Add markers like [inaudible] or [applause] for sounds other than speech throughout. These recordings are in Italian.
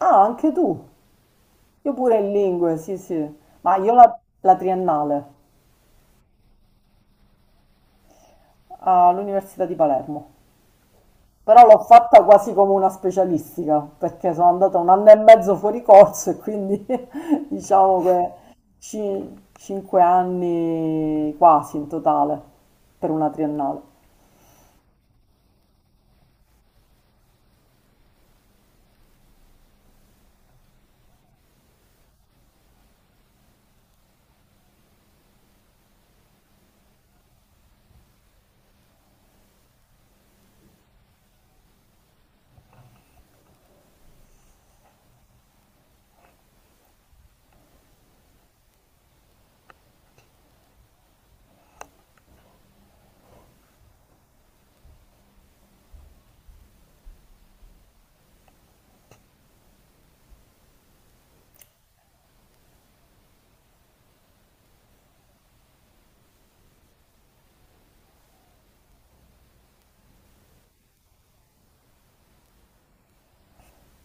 Ah, anche tu? Io pure in lingue, sì, sì. Ma io la triennale all'Università di Palermo. Però l'ho fatta quasi come una specialistica, perché sono andata un anno e mezzo fuori corso e quindi [laughs] diciamo che cinque anni quasi in totale per una triennale.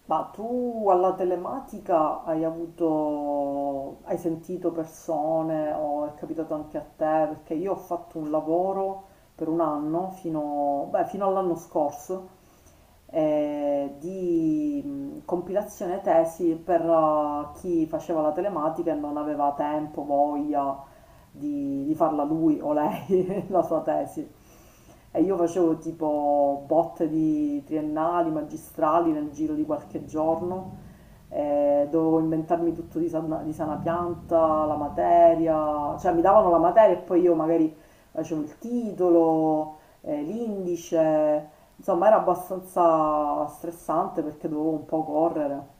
Ma tu alla telematica hai avuto, hai sentito persone o è capitato anche a te? Perché io ho fatto un lavoro per un anno, fino, beh, fino all'anno scorso, di compilazione tesi per chi faceva la telematica e non aveva tempo, voglia di farla lui o lei, [laughs] la sua tesi. E io facevo tipo botte di triennali, magistrali nel giro di qualche giorno, dovevo inventarmi tutto di sana pianta, la materia, cioè mi davano la materia e poi io magari facevo il titolo, l'indice, insomma era abbastanza stressante perché dovevo un po' correre.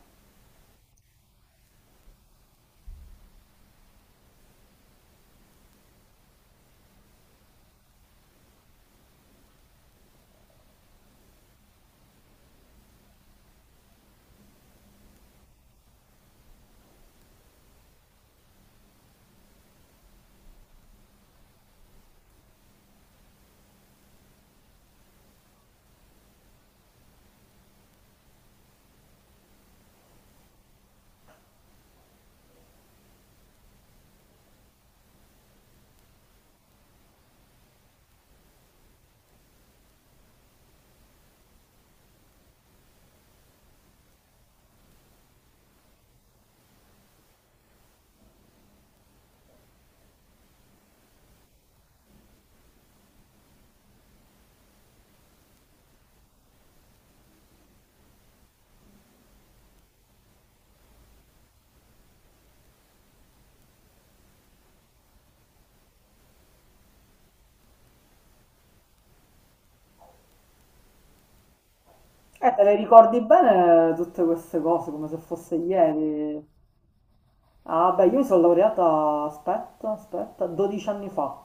Te le ricordi bene tutte queste cose come se fosse ieri? Ah, beh, io mi sono laureata, aspetta, aspetta, 12 anni fa.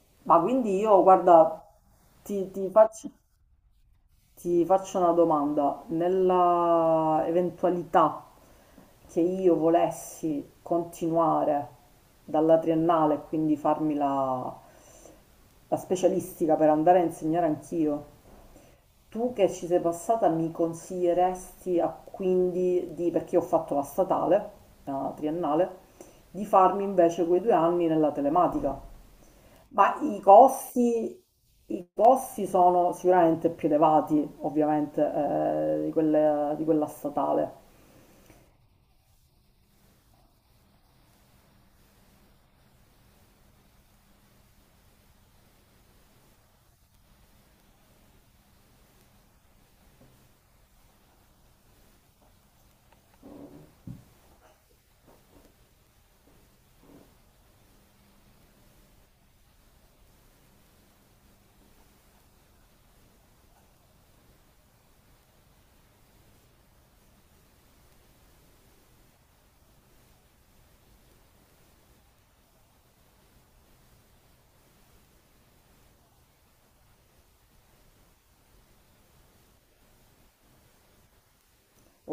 [laughs] Ma quindi io, guarda, ti, ti faccio, ti faccio una domanda. Nella eventualità che io volessi continuare dalla triennale, quindi farmi la specialistica per andare a insegnare anch'io. Tu che ci sei passata mi consiglieresti quindi di, perché io ho fatto la statale, la triennale, di farmi invece quei due anni nella telematica. Ma i costi sono sicuramente più elevati, ovviamente, di di quella statale.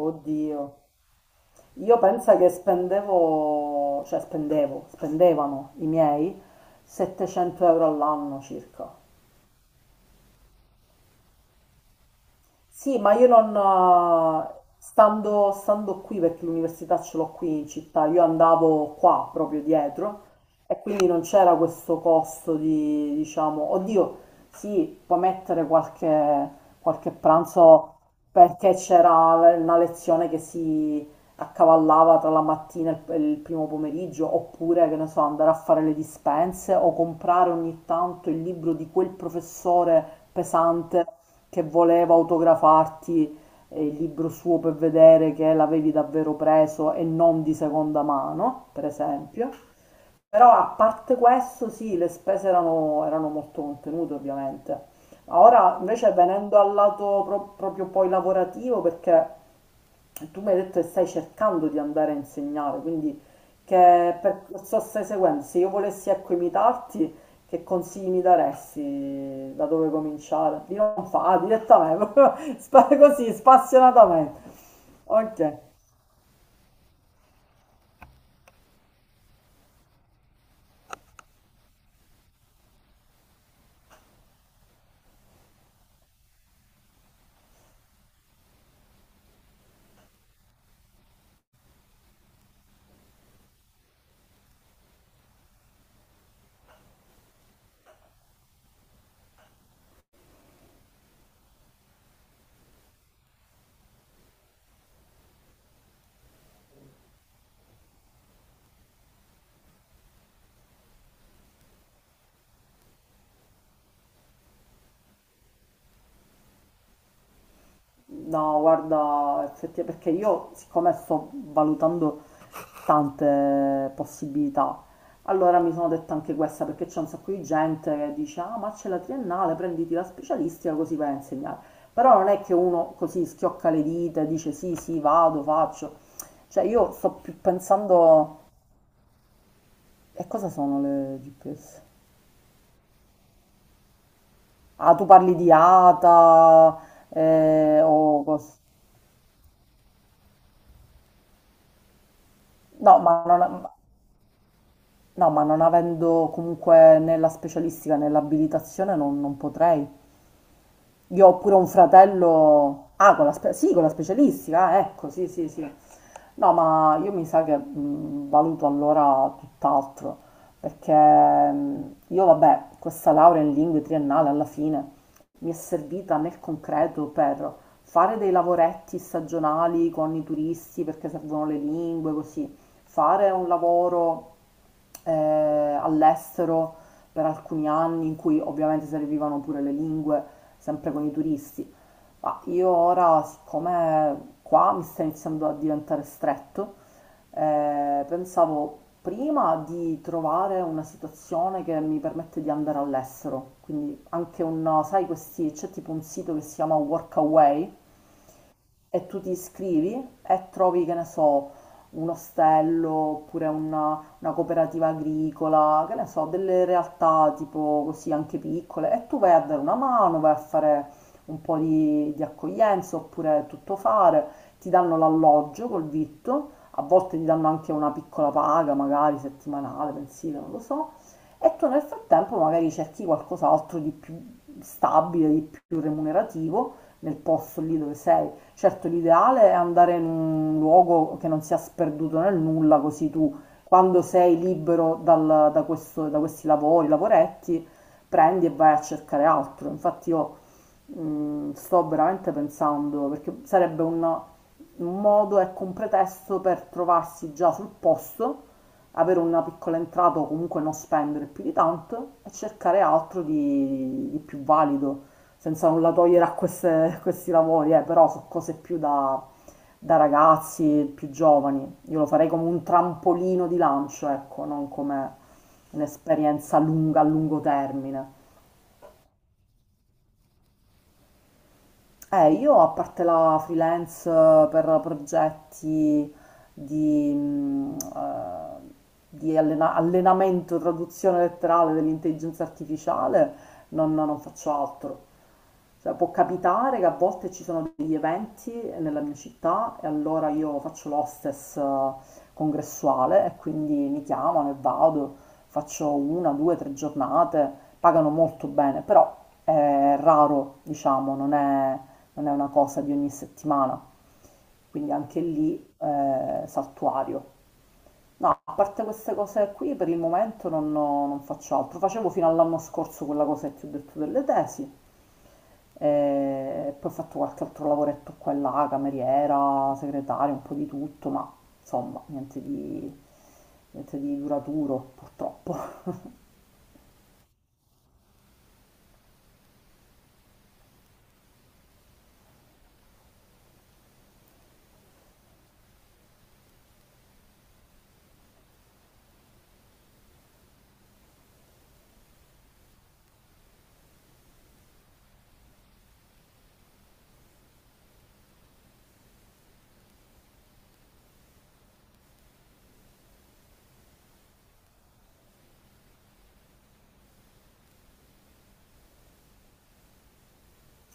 Oddio. Io penso che spendevo, cioè spendevo, spendevano i miei 700 euro all'anno circa. Sì, ma io non, stando qui, perché l'università ce l'ho qui in città, io andavo qua proprio dietro e quindi non c'era questo costo di, diciamo, oddio, sì, puoi mettere qualche, qualche pranzo perché c'era una lezione che si accavallava tra la mattina e il primo pomeriggio, oppure, che ne so, andare a fare le dispense o comprare ogni tanto il libro di quel professore pesante che voleva autografarti il libro suo per vedere che l'avevi davvero preso e non di seconda mano, per esempio. Però a parte questo, sì, erano molto contenute, ovviamente. Ora, invece, venendo al proprio poi lavorativo, perché tu mi hai detto che stai cercando di andare a insegnare, quindi che percorso stai seguendo? Se io volessi ecco imitarti, che consigli mi daresti? Da dove cominciare? Di non fare direttamente, [laughs] così spassionatamente. Ok. No, guarda, effettivamente, perché io siccome sto valutando tante possibilità, allora mi sono detta anche questa, perché c'è un sacco di gente che dice, ah, ma c'è la triennale, prenditi la specialistica così vai a insegnare. Però non è che uno così schiocca le dita e dice sì, sì, vado, faccio. Cioè io sto più pensando, e cosa sono le GPS? Ah, tu parli di ATA, eh, o cos- No, ma non, no, ma non avendo comunque né la specialistica né l'abilitazione non potrei. Io ho pure un fratello... Ah, sì, con la specialistica, ah, ecco, sì, sì, sì. No, ma io mi sa che valuto allora tutt'altro, perché io, vabbè, questa laurea in lingue triennale alla fine mi è servita nel concreto per fare dei lavoretti stagionali con i turisti perché servono le lingue, così, fare un lavoro all'estero per alcuni anni in cui ovviamente servivano pure le lingue, sempre con i turisti. Ma io ora, siccome qua mi sta iniziando a diventare stretto, pensavo prima di trovare una situazione che mi permette di andare all'estero, quindi anche un, sai, questi, c'è tipo un sito che si chiama Workaway, e tu ti iscrivi e trovi, che ne so, un ostello oppure una cooperativa agricola, che ne so, delle realtà tipo così anche piccole e tu vai a dare una mano, vai a fare un po' di accoglienza oppure tutto fare, ti danno l'alloggio col vitto, a volte ti danno anche una piccola paga, magari settimanale, mensile, non lo so, e tu nel frattempo magari cerchi qualcos'altro di più stabile, di più remunerativo nel posto lì dove sei. Certo, l'ideale è andare in un luogo che non sia sperduto nel nulla, così tu, quando sei libero da questi lavori, lavoretti, prendi e vai a cercare altro. Infatti io sto veramente pensando, perché sarebbe un modo, ecco, un pretesto per trovarsi già sul posto, avere una piccola entrata o comunque non spendere più di tanto e cercare altro di più valido, senza nulla togliere a questi lavori, però su cose più da, da ragazzi più giovani. Io lo farei come un trampolino di lancio, ecco, non come un'esperienza lunga, a lungo termine. Io a parte la freelance per progetti di, di allenamento, traduzione letterale dell'intelligenza artificiale, non faccio altro. Cioè, può capitare che a volte ci sono degli eventi nella mia città e allora io faccio l'hostess congressuale e quindi mi chiamano e vado, faccio una, due, tre giornate, pagano molto bene, però è raro, diciamo, non è una cosa di ogni settimana, quindi anche lì saltuario. No, a parte queste cose qui, per il momento non faccio altro. Facevo fino all'anno scorso quella cosa che ti ho detto delle tesi. E poi ho fatto qualche altro lavoretto qua e là, cameriera, segretaria, un po' di tutto, ma insomma, niente di duraturo, purtroppo. [laughs]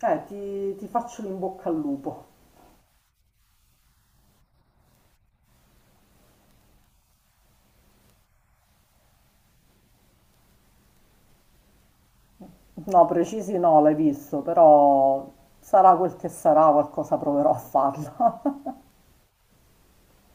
Ti faccio l'in bocca al lupo. No, precisi no, l'hai visto, però sarà quel che sarà, qualcosa proverò a farla. [laughs]